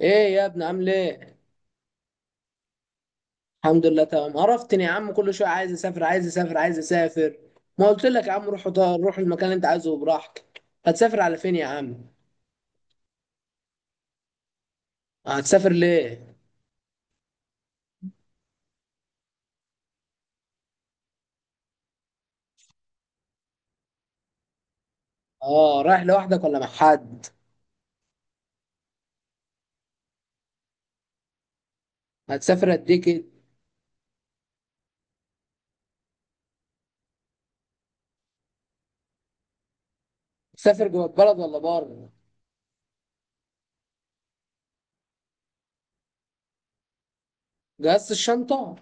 ايه يا ابني، عامل ايه؟ الحمد لله تمام، عرفتني يا عم. كل شويه عايز اسافر. ما قلت لك يا عم، روح روح المكان اللي انت عايزه براحتك. هتسافر على فين يا عم؟ هتسافر ليه؟ اه، رايح لوحدك ولا مع حد؟ هتسافر قد ايه كده؟ تسافر جوه البلد ولا بره؟ جهزت الشنطه؟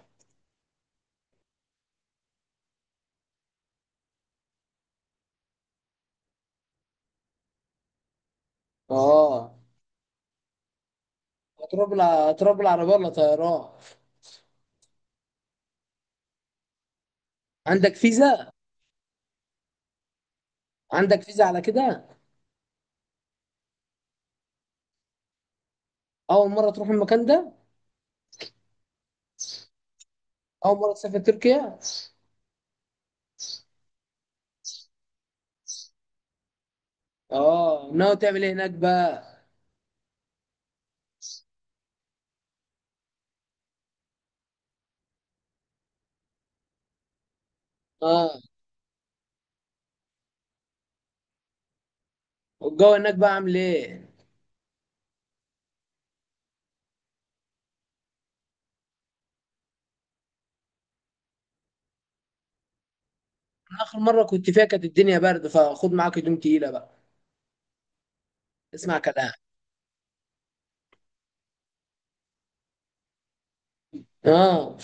اه. هتروح هتروح بالعربيه ولا طيران؟ عندك فيزا؟ عندك فيزا على كده؟ اول مره تروح المكان ده؟ اول مره تسافر تركيا؟ اه، ناوي تعمل ايه هناك بقى؟ اه، والجو هناك بقى عامل ايه؟ انا اخر مره كنت فيها كانت الدنيا برد، فخد معاك هدوم تقيله بقى. اسمع كلام. اه.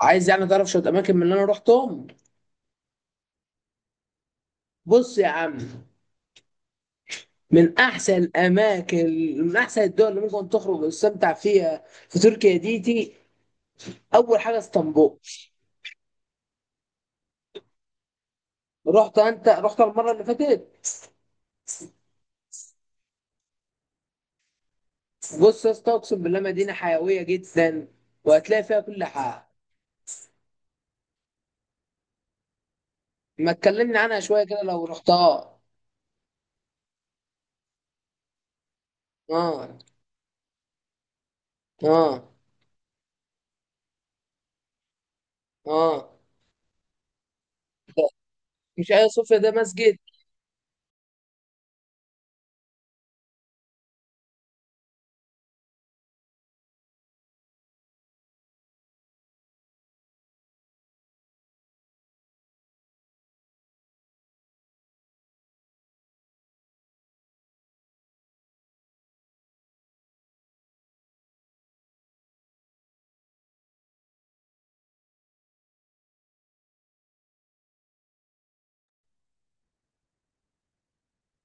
عايز يعني تعرف شويه اماكن من اللي انا رحتهم؟ بص يا عم، من احسن الاماكن، من احسن الدول اللي ممكن تخرج وتستمتع فيها في تركيا ديتي، اول حاجه اسطنبول. رحت انت، رحت المره اللي فاتت؟ بص يا اسطى، اقسم بالله مدينه حيويه جدا، وهتلاقي فيها كل حاجه. ما تكلمني عنها شويه كده لو رحتها. اه. اه. اه. مش ايوه، صوفيا ده مسجد.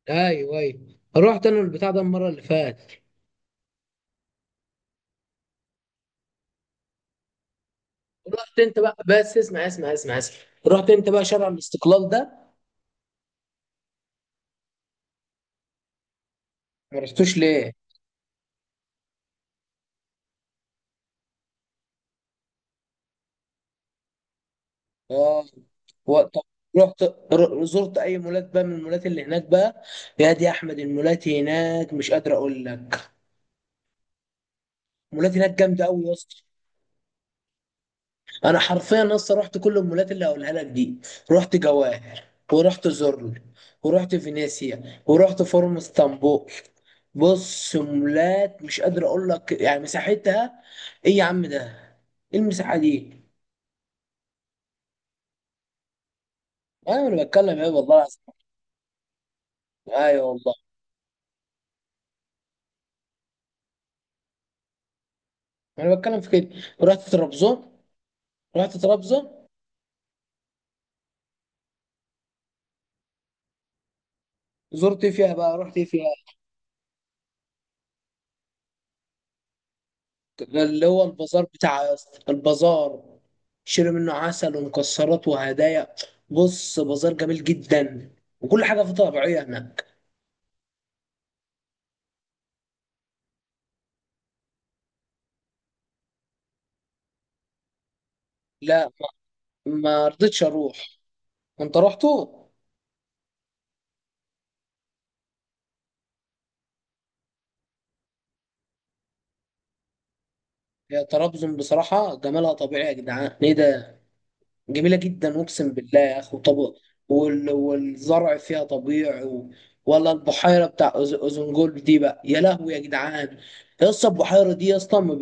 ايوه ايوه، رحت انا البتاع ده المره اللي فاتت. رحت انت بقى، بس اسمع اسمع اسمع اسمع. رحت انت بقى شارع الاستقلال ده؟ ما رحتوش ليه؟ اه. طب رحت، زرت اي مولات بقى من المولات اللي هناك بقى؟ يا دي يا احمد، المولات هناك مش قادر اقول لك. المولات هناك جامده قوي يا اسطى. انا حرفيا لسه رحت كل المولات اللي هقولها لك دي: رحت جواهر، ورحت زورل، ورحت فينيسيا، ورحت فورم اسطنبول. بص مولات مش قادر اقول لك يعني مساحتها. ايه يا عم ده! ايه المساحه دي! ايوه، انا بتكلم ايه والله العظيم. ايوه والله. انا بتكلم في كده. رحت طرابزون. رحت طرابزون زرت إيه فيها بقى، رحت إيه فيها؟ اللي هو البازار بتاع يا اسطى، البازار. شيلوا منه عسل ومكسرات وهدايا. بص بازار جميل جدا، وكل حاجه فيه طبيعيه هناك. لا، ما رضيتش اروح. انت رحتوا؟ يا طرابزون بصراحه جمالها طبيعي يا جدعان، ايه ده! جميله جدا اقسم بالله يا اخي. وطب والزرع فيها طبيعي ولا البحيره بتاع اوزنجول دي بقى، يا لهوي يا جدعان. يا اسطى البحيره دي اصلا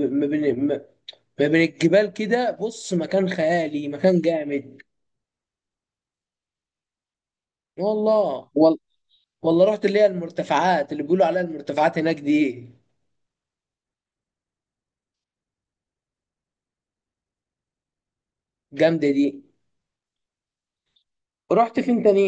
فمن الجبال كده، بص مكان خيالي مكان جامد. والله. والله رحت اللي هي المرتفعات، اللي بيقولوا عليها المرتفعات هناك دي. جامدة دي. رحت فين تاني؟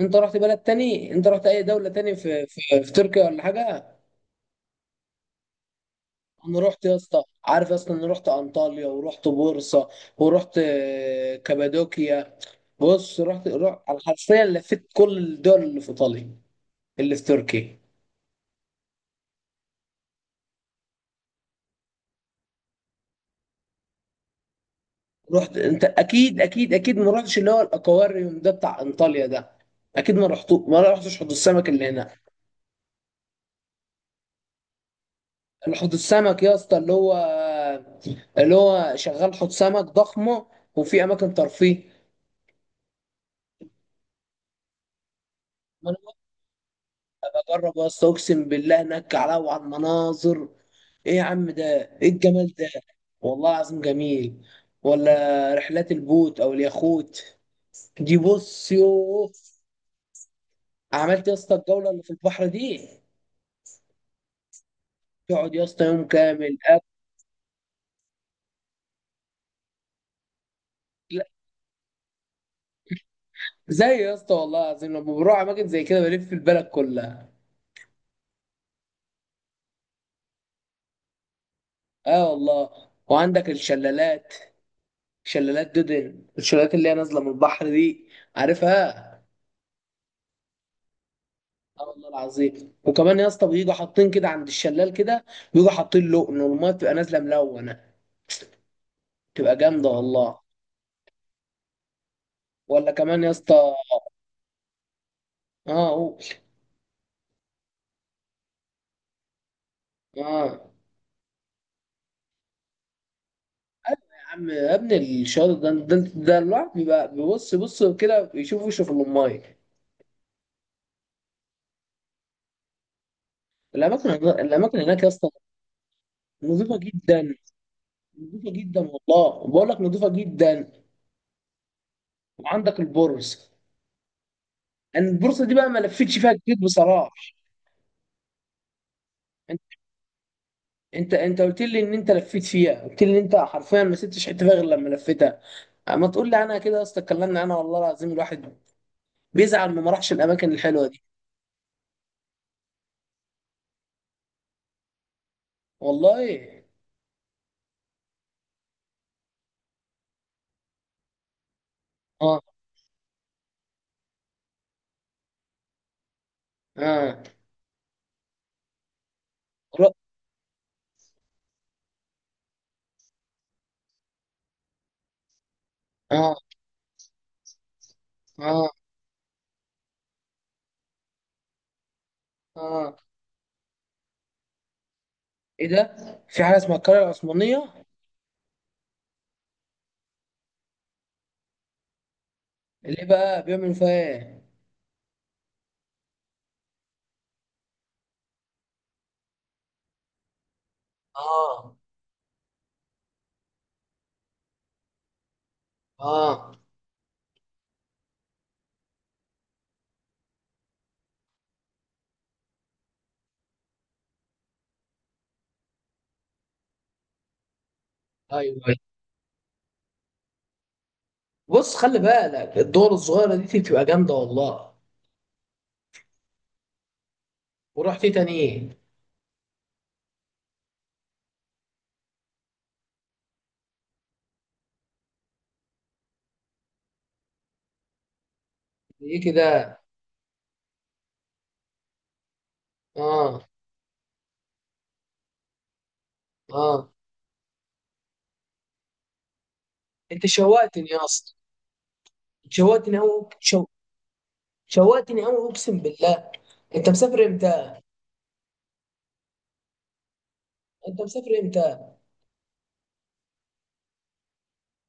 انت رحت بلد تاني، انت رحت اي دولة تاني في تركيا ولا حاجة؟ انا رحت يا اسطى، عارف يا اسطى، انا رحت انطاليا، ورحت بورصة، ورحت كابادوكيا. بص رحت رحت على حرفيا لفيت كل الدول اللي في ايطاليا، اللي في تركيا. رحت انت اكيد اكيد اكيد ما رحتش اللي هو الاكواريوم ده بتاع انطاليا ده. اكيد ما رحتش حوض السمك اللي هنا. حوض السمك يا اسطى اللي هو شغال حوض سمك ضخمه، وفي اماكن ترفيه. ما انا ببقى. اجرب يا اسطى، اقسم بالله هناك وعلى المناظر. ايه يا عم ده! ايه الجمال ده! والله العظيم جميل. ولا رحلات البوت او اليخوت دي، بص يوه. عملت يا اسطى الجوله اللي في البحر دي؟ تقعد يا اسطى يوم كامل. اكل. زي يا اسطى والله العظيم لما بروح اماكن زي كده بلف البلد كلها. اه والله. وعندك الشلالات. شلالات دودن، الشلالات اللي هي نازله من البحر دي، عارفها؟ اه والله العظيم. وكمان يا اسطى بيجوا حاطين كده عند الشلال كده، بيجوا حاطين لقن والميه بتبقى نازله ملونه، بتبقى جامده والله. ولا كمان يا اسطى. اه، قول. اه. ايوه يا عم يا ابني، الشاطئ ده الواحد بيبقى بص كده يشوف وشه في الميه. الاماكن هناك يا اسطى نظيفه جدا. نضيفه جدا والله، بقول لك نضيفه جدا. وعندك البورصه. انا البورصه دي بقى ما لفيتش فيها كتير بصراحه. انت انت قلت لي ان انت لفيت فيها، قلت لي ان انت حرفيا ما سبتش حته فيها غير لما لفيتها. ما تقول لي انا كده يا اسطى. اتكلمنا انا والله العظيم، الواحد بيزعل ما راحش الاماكن الحلوه دي. والله. اه. اه. ر- اه. اه. اه. ايه ده؟ في حاجه اسمها القريه العثمانيه؟ اللي بقى بيعملوا فيها ايه؟ اه. اه. ايوه أيوه. بص خلي بالك الدول الصغيرة دي بتبقى جامدة والله. ورحت تاني ايه؟ ايه كده؟ اه. اه. انت شوقتني يا اسطى، شوقتني قوي. شوقتني قوي اقسم بالله. انت مسافر امتى؟ انت مسافر امتى؟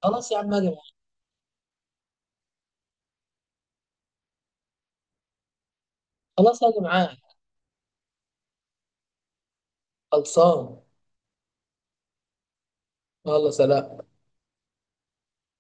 خلاص يا عم اجي معاك. خلاص اجي معاك. خلصان. يلا سلام.